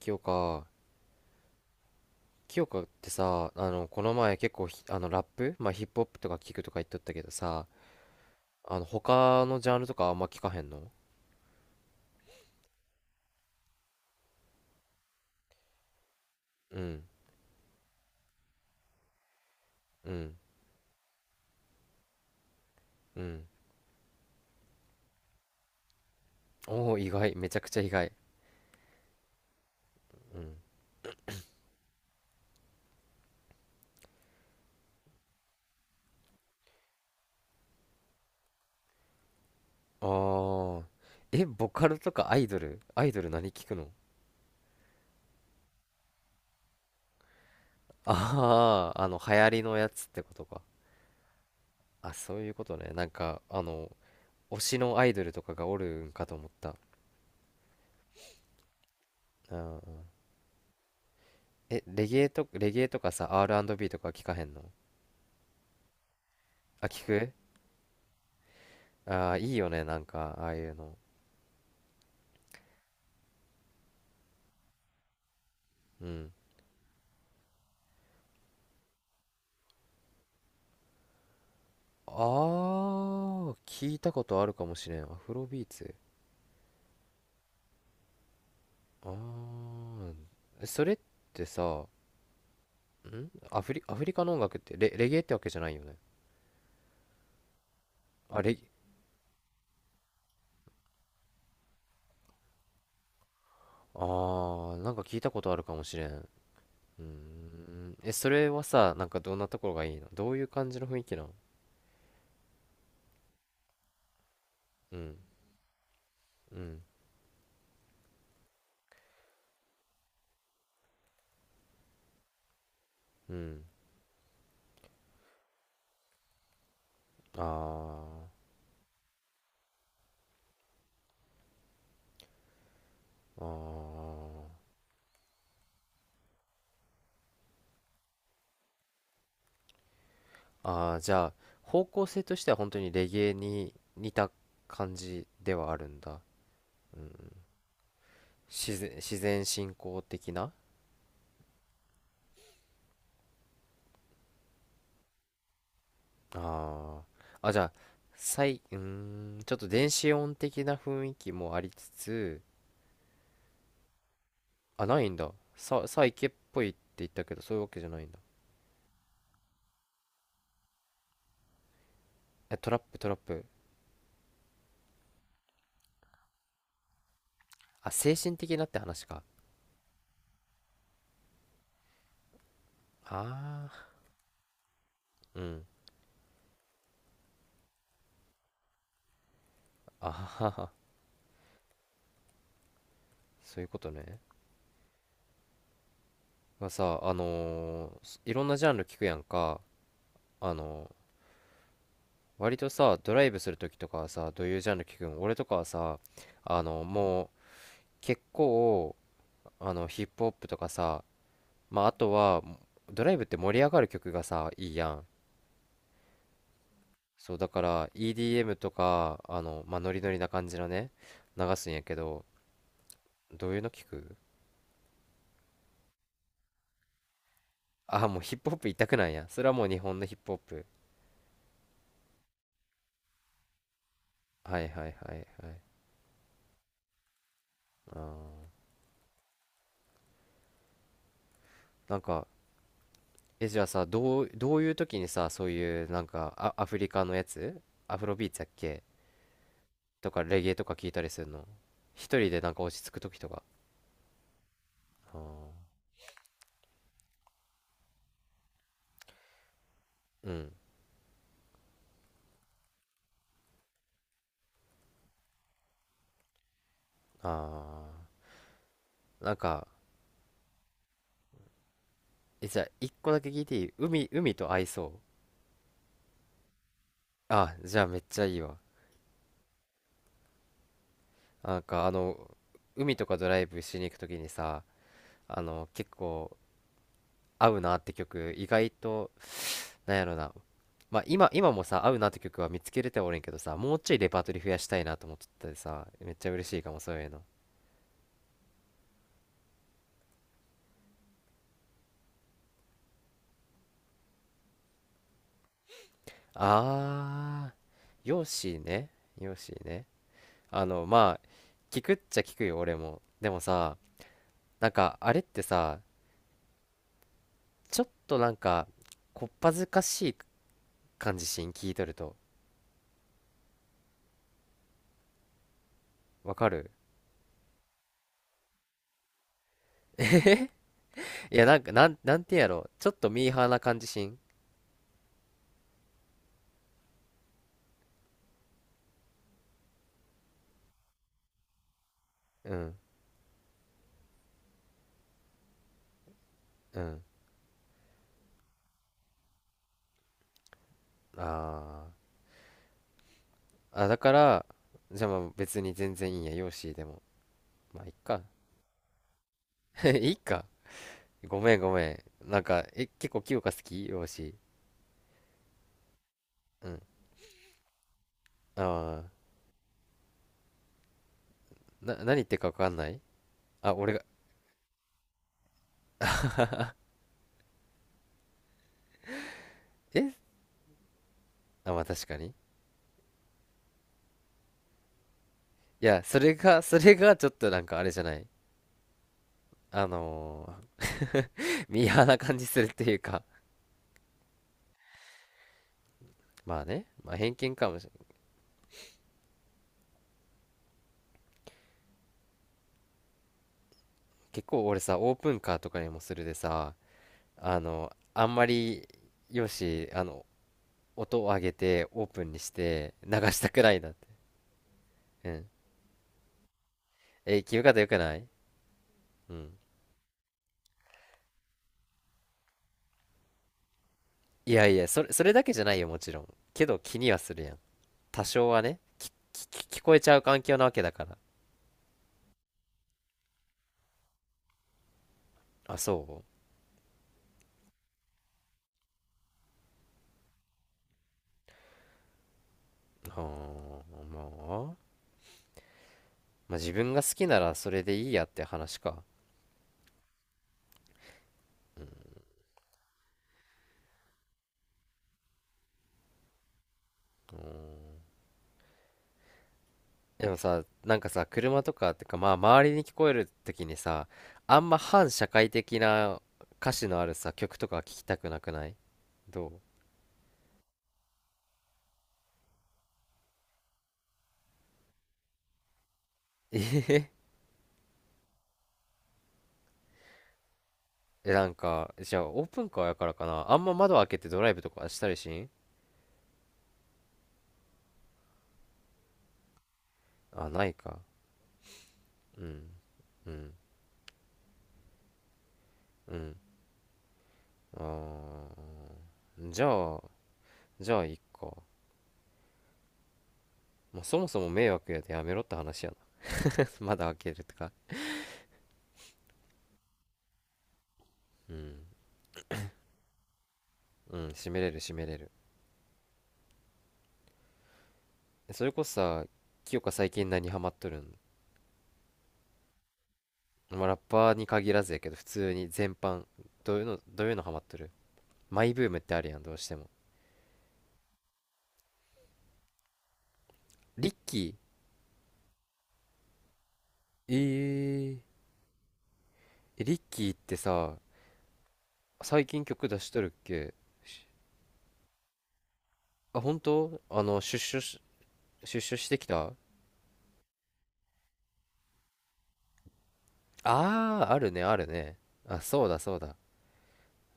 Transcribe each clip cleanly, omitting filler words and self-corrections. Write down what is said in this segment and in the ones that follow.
清香清香ってさ、この前結構ラップ、まあ、ヒップホップとか聞くとか言っとったけどさ、他のジャンルとかあんま聞かへんの？うん。うん。うん。おおー、意外、めちゃくちゃ意外。うん。あー。え、ボカルとかアイドル何聞くの？あ、 あー、流行りのやつってことか。あ、そういうことね。推しのアイドルとかがおるんかと思った。うん。うん。え、レゲエとかさ、 R&B とか聞かへんの？あ、聞く。ああ、いいよね、なんか、ああいうの。うん。ああ、聞いたことあるかもしれん。アフロビーツ。ああ、それってさ、アフリカの音楽ってレゲエってわけじゃないよね？あ、レ、ああ、なんか聞いたことあるかもしれん。うーん。え、それはさ、なんかどんなところがいいの？どういう感じの雰囲気なの？うん、うん、うん。ああ、ああ。ああ、じゃあ、方向性としては本当にレゲエに似た感じではあるんだ。うん、自然信仰的な。ああ、あ、じゃあ、うーん、ちょっと電子音的な雰囲気もありつつ。あ、ないんだ。サイケっぽいって言ったけど、そういうわけじゃないんだ。え、トラップ、トラップ。あ、精神的なって話か。ああ、うん。あはは、そういうことね。まあさ、いろんなジャンル聞くやんか。あの割とさ、ドライブするときとかはさ、どういうジャンル聞くん？俺とかはさ、もう結構、ヒップホップとかさ、まあ、あとは、ドライブって盛り上がる曲がさ、いいやん。そう、だから EDM とか、まあ、ノリノリな感じのね、流すんやけど、どういうの聞く？あ、もうヒップホップ一択なんや。それはもう日本のヒップホップ。はいはいはいはい。あー、なんか、え、じゃあさ、どういう時にさ、そういう、なんか、あ、アフリカのやつ、アフロビーツやっけ、とかレゲエとか聞いたりするの？一人でなんか落ち着く時とか？あー。うん。あー。なんか、え、じゃあ一個だけ聞いていい？海と合いそう？あ、じゃあめっちゃいいわ。なんかあの海とかドライブしに行く時にさ、結構合うなって曲意外と、なんやろな。まあ今、もさ合うなって曲は見つけれてはおれんけどさ、もうちょいレパートリー増やしたいなと思っとったでさ、めっちゃ嬉しいかもそういうの。ああ。ヨッシーね。ヨッシーね。あのまあ聞くっちゃ聞くよ、俺も。でもさ、なんかあれってさ、ちょっとなんかこっぱずかしい感じしん、聞いとると。わかる。いやなんか、なんてやろ、ちょっとミーハーな感じしん。うん。うん。あー、あ、だからじゃあまあ別に全然いいんやよーしでも、まあいっか。 いいか、ごめんごめん、なんか、え、結構清香好きよーし。うん。ああ、何言ってるかわかんない。あ、俺が。え、あ、まあ確かに。いや、それが、それがちょっとなんかあれじゃない。あのミーハーな感じするっていうか。まあね、まあ偏見かもしれない。結構俺さ、オープンカーとかにもするでさ、あの、あんまり、よし、あの、音を上げて、オープンにして、流したくないなって。うん。えー、聞き方良くない？うん。いやいや、それだけじゃないよ、もちろん。けど気にはするやん。多少はね、き聞こえちゃう環境なわけだから。あ、そうはあ、まあ。まあ、自分が好きならそれでいいやって話か。うーん。でもさ、なんかさ、車とかってか、まあ、周りに聞こえる時にさ、あんま反社会的な歌詞のあるさ、曲とか聞きたくなくない？どう？ えへへ。え、なんか、じゃあ、オープンカーやからかな。あんま窓開けてドライブとかしたりしん？あ、ないか。うん。うん。うん。あー、じゃあ、いっか。まあ、そもそも迷惑やでやめろって話やな。窓開けるとか。うん。うん、締めれる締めれる。それこそさ、清香最近何ハマっとるん？まあ、ラッパーに限らずやけど、普通に全般、どういうのハマっとる？マイブームってあるやん、どうしても。リッキー。えー。え、リッキーってさ、最近曲出しとるっけ？しあ、本当、あの、出所してきたあ。あー、あるね、あるね。あ、そうだ、そうだ。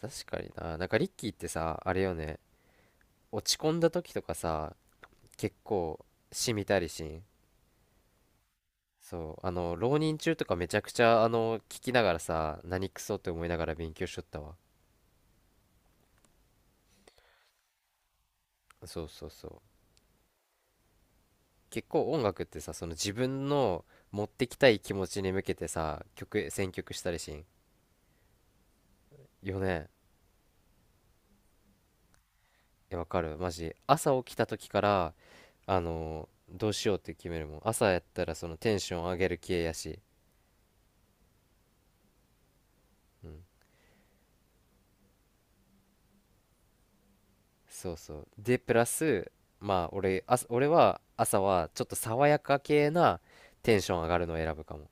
確かにな。なんかリッキーってさ、あれよね、落ち込んだ時とかさ、結構、しみたりしん。そう、あの、浪人中とかめちゃくちゃ、あの、聞きながらさ、何クソって思いながら勉強しとったわ。そうそうそう。結構音楽ってさ、その自分の持ってきたい気持ちに向けてさ、選曲したりしん。よね。え、わかる。マジ。朝起きた時から、あの、どうしようって決めるもん。朝やったらそのテンション上げる系やし。うん。そうそう。で、プラス、まあ、俺は朝はちょっと爽やか系なテンション上がるのを選ぶかも。